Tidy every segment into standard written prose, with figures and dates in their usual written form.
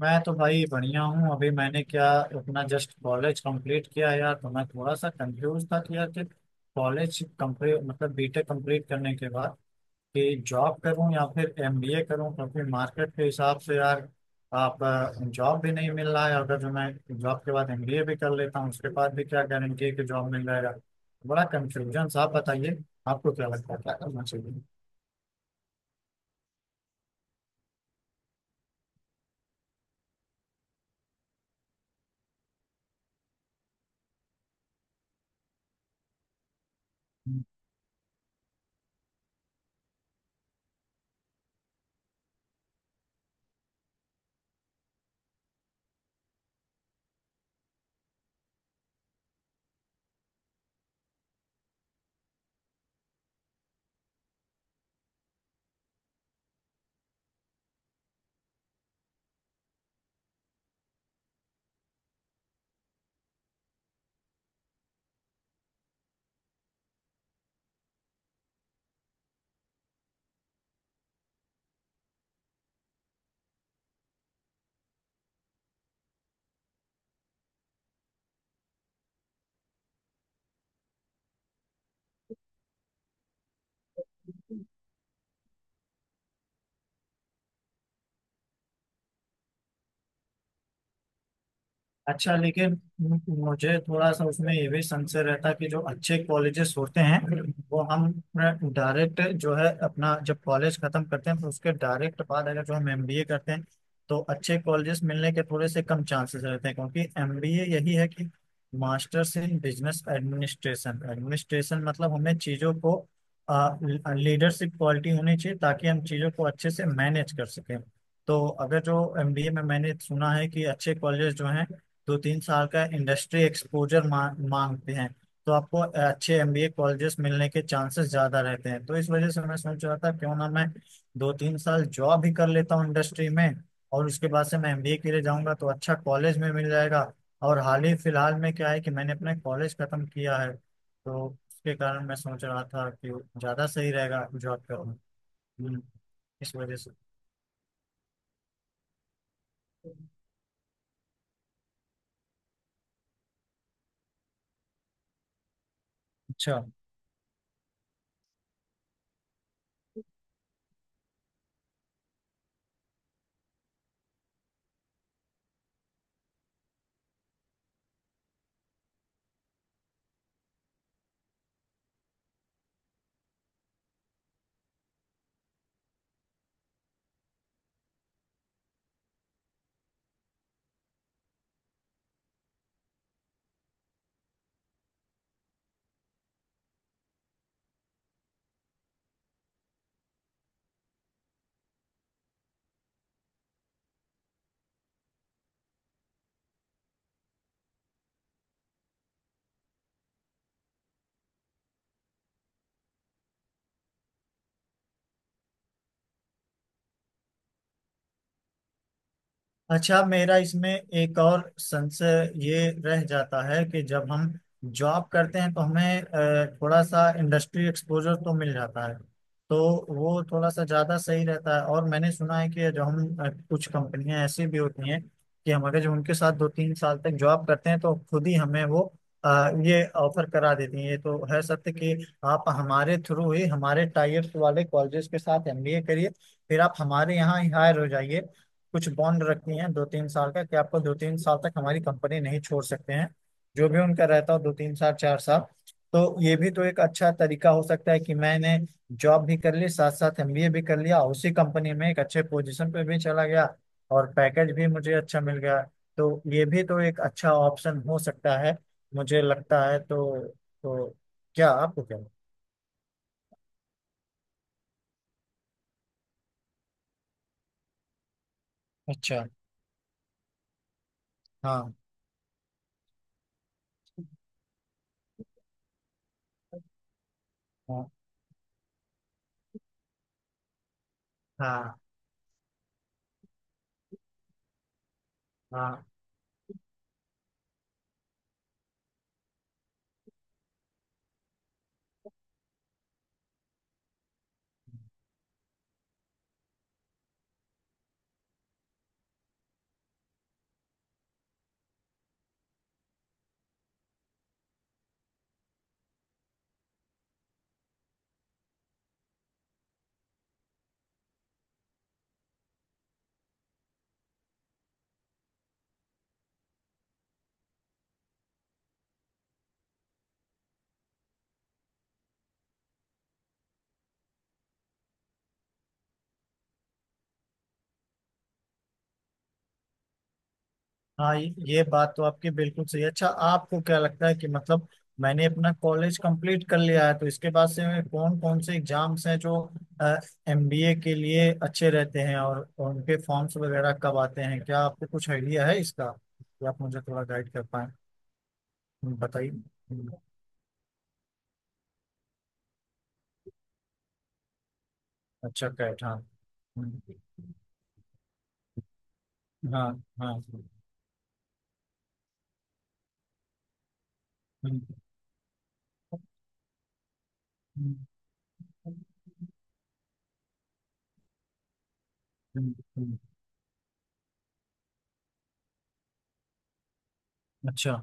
मैं तो भाई बढ़िया हूँ। अभी मैंने क्या अपना जस्ट कॉलेज कंप्लीट किया यार। तो मैं थोड़ा सा कंफ्यूज था कि यार कि कॉलेज कंप्लीट मतलब बीटेक कंप्लीट करने के बाद कि जॉब करूँ या फिर एमबीए करूँ, क्योंकि मार्केट के हिसाब से यार आप जॉब भी नहीं मिल रहा है। अगर जो मैं जॉब के बाद एमबीए भी कर लेता हूँ उसके बाद भी क्या गारंटी है कि जॉब मिल जाएगा। बड़ा कंफ्यूजन। आप बताइए आपको क्या लगता है क्या करना चाहिए। अच्छा, लेकिन मुझे थोड़ा सा उसमें ये भी संशय रहता कि जो अच्छे कॉलेजेस होते हैं वो हम डायरेक्ट जो है अपना जब कॉलेज खत्म करते हैं तो उसके डायरेक्ट बाद अगर जो हम एमबीए करते हैं तो अच्छे कॉलेजेस मिलने के थोड़े से कम चांसेस रहते हैं, क्योंकि एमबीए यही है कि masters in business administration. Administration मतलब हमें चीजों को लीडरशिप क्वालिटी होनी चाहिए ताकि हम चीजों को अच्छे से मैनेज कर सकें। तो अगर जो एमबीए में मैंने सुना है कि अच्छे कॉलेज जो हैं 2-3 साल का इंडस्ट्री एक्सपोजर मांगते हैं तो आपको अच्छे एमबीए कॉलेजेस मिलने के चांसेस ज्यादा रहते हैं। तो इस वजह से मैं सोच रहा था क्यों ना मैं 2-3 साल जॉब ही कर लेता हूँ इंडस्ट्री में, और उसके बाद से मैं एमबीए के लिए जाऊंगा तो अच्छा कॉलेज में मिल जाएगा। और हाल ही फिलहाल में क्या है कि मैंने अपना कॉलेज खत्म किया है तो उसके कारण मैं सोच रहा था कि ज्यादा सही रहेगा जॉब करना। हम्म, इस वजह से। अच्छा अच्छा। मेरा इसमें एक और संशय ये रह जाता है कि जब हम जॉब करते हैं तो हमें थोड़ा सा इंडस्ट्री एक्सपोजर तो मिल जाता है। तो वो थोड़ा सा ज़्यादा सही रहता है। और मैंने सुना है कि जो हम कुछ कंपनियां ऐसी भी होती हैं कि हम अगर जो उनके साथ 2-3 साल तक जॉब करते हैं तो खुद ही हमें वो ये ऑफर करा देती हैं। ये तो है सत्य कि आप हमारे थ्रू ही हमारे टाइप्स वाले कॉलेजेस के साथ एमबीए करिए, फिर आप हमारे यहाँ ही हायर हो जाइए। कुछ बॉन्ड रखी हैं 2-3 साल का कि आपको 2-3 साल तक हमारी कंपनी नहीं छोड़ सकते हैं। जो भी उनका रहता हो, 2-3 साल 4 साल। तो ये भी तो एक अच्छा तरीका हो सकता है कि मैंने जॉब भी कर ली, साथ साथ एमबीए भी कर लिया, उसी कंपनी में एक अच्छे पोजीशन पे भी चला गया और पैकेज भी मुझे अच्छा मिल गया। तो ये भी तो एक अच्छा ऑप्शन हो सकता है मुझे लगता है। तो क्या आपको क्या लगता है? अच्छा, हाँ हाँ हाँ हाँ हाँ, ये बात तो आपकी बिल्कुल सही है। अच्छा, आपको क्या लगता है कि मतलब मैंने अपना कॉलेज कंप्लीट कर लिया है तो इसके बाद से मैं कौन कौन से एग्जाम्स हैं जो एमबीए के लिए अच्छे रहते हैं? और उनके फॉर्म्स वगैरह कब आते हैं? क्या आपको कुछ आइडिया है इसका कि आप मुझे थोड़ा गाइड कर पाए? बताइए। अच्छा कैट, हाँ। हम्म, हाँ हाँ। हम्म, हम्म। अच्छा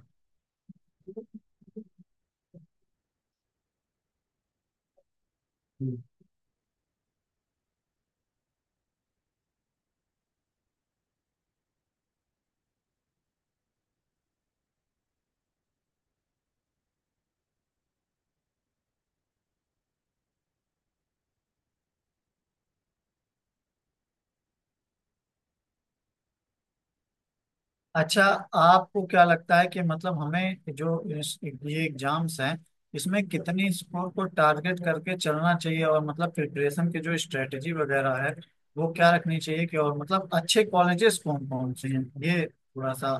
अच्छा, आपको क्या लगता है कि मतलब हमें जो ये एग्जाम्स हैं इसमें कितनी स्कोर को टारगेट करके चलना चाहिए? और मतलब प्रिपरेशन की जो स्ट्रेटेजी वगैरह है वो क्या रखनी चाहिए? कि और मतलब अच्छे कॉलेजेस कौन कौन से हैं, ये थोड़ा सा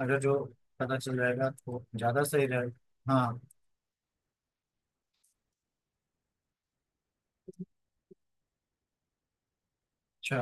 अगर जो पता चल जाएगा तो ज्यादा सही रहेगा। हाँ, अच्छा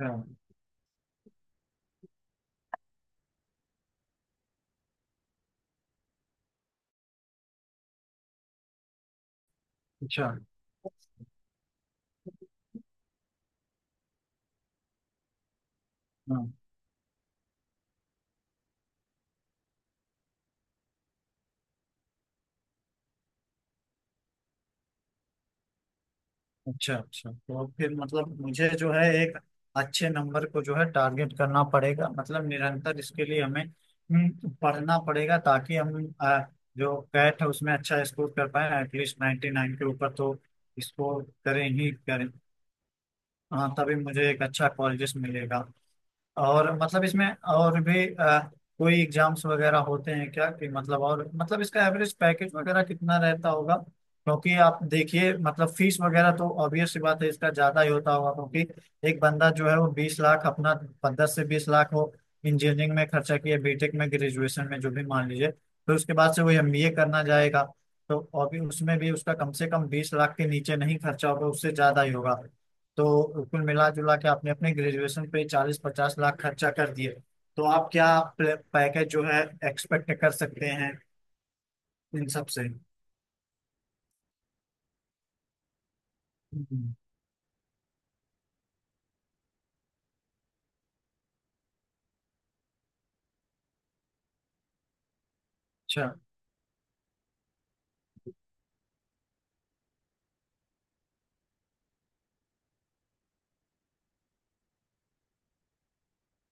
अच्छा अच्छा, हाँ। अच्छा अच्छा, तो फिर मतलब मुझे जो है एक अच्छे नंबर को जो है टारगेट करना पड़ेगा, मतलब निरंतर इसके लिए हमें पढ़ना पड़ेगा ताकि हम जो कैट है उसमें अच्छा स्कोर कर पाए। एटलीस्ट 99 के ऊपर तो स्कोर करें ही करें। हाँ, तभी मुझे एक अच्छा कॉलेज मिलेगा। और मतलब इसमें और भी कोई एग्जाम्स वगैरह होते हैं क्या? कि मतलब और मतलब इसका एवरेज पैकेज वगैरह कितना रहता होगा? क्योंकि आप देखिए मतलब फीस वगैरह तो ऑब्वियस सी बात है इसका ज्यादा ही होता होगा, क्योंकि एक बंदा जो है वो 20 लाख अपना, 10 से 20 लाख वो इंजीनियरिंग में खर्चा किया, बीटेक में, ग्रेजुएशन में जो भी मान लीजिए, फिर उसके बाद से वो एमबीए करना जाएगा तो और भी उसमें भी उसका कम से कम 20 लाख के नीचे नहीं खर्चा होगा, उससे ज्यादा ही होगा। तो कुल मिला जुला के आपने अपने ग्रेजुएशन पे 40-50 लाख खर्चा कर दिए। तो आप क्या पैकेज जो है एक्सपेक्ट कर सकते हैं इन सब से? हम्म। अच्छा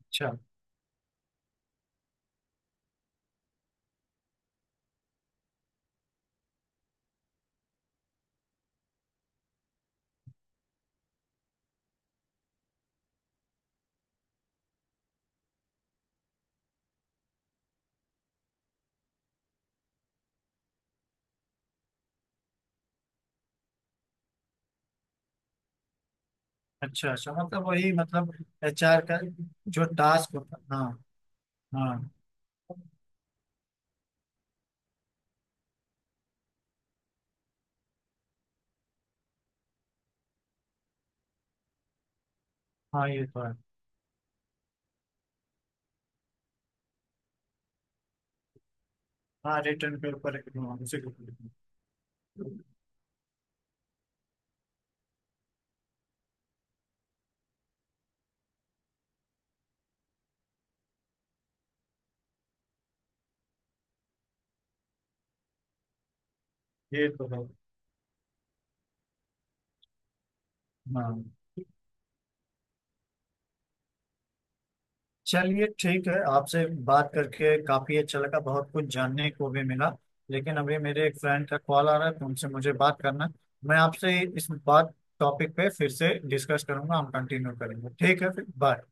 अच्छा अच्छा अच्छा, मतलब वही मतलब एचआर का जो टास्क होता है, हाँ, हाँ। हाँ, ये तो है। हाँ, रिटर्न के ऊपर एक- हाँ, उसी के ऊपर। ये तो है। हाँ, चलिए, ठीक है, आपसे बात करके काफी अच्छा लगा, बहुत कुछ जानने को भी मिला। लेकिन अभी मेरे एक फ्रेंड का कॉल आ रहा है तो उनसे मुझे बात करना है। मैं आपसे इस बात टॉपिक पे फिर से डिस्कस करूंगा, हम कंटिन्यू करेंगे, ठीक है? फिर बाय।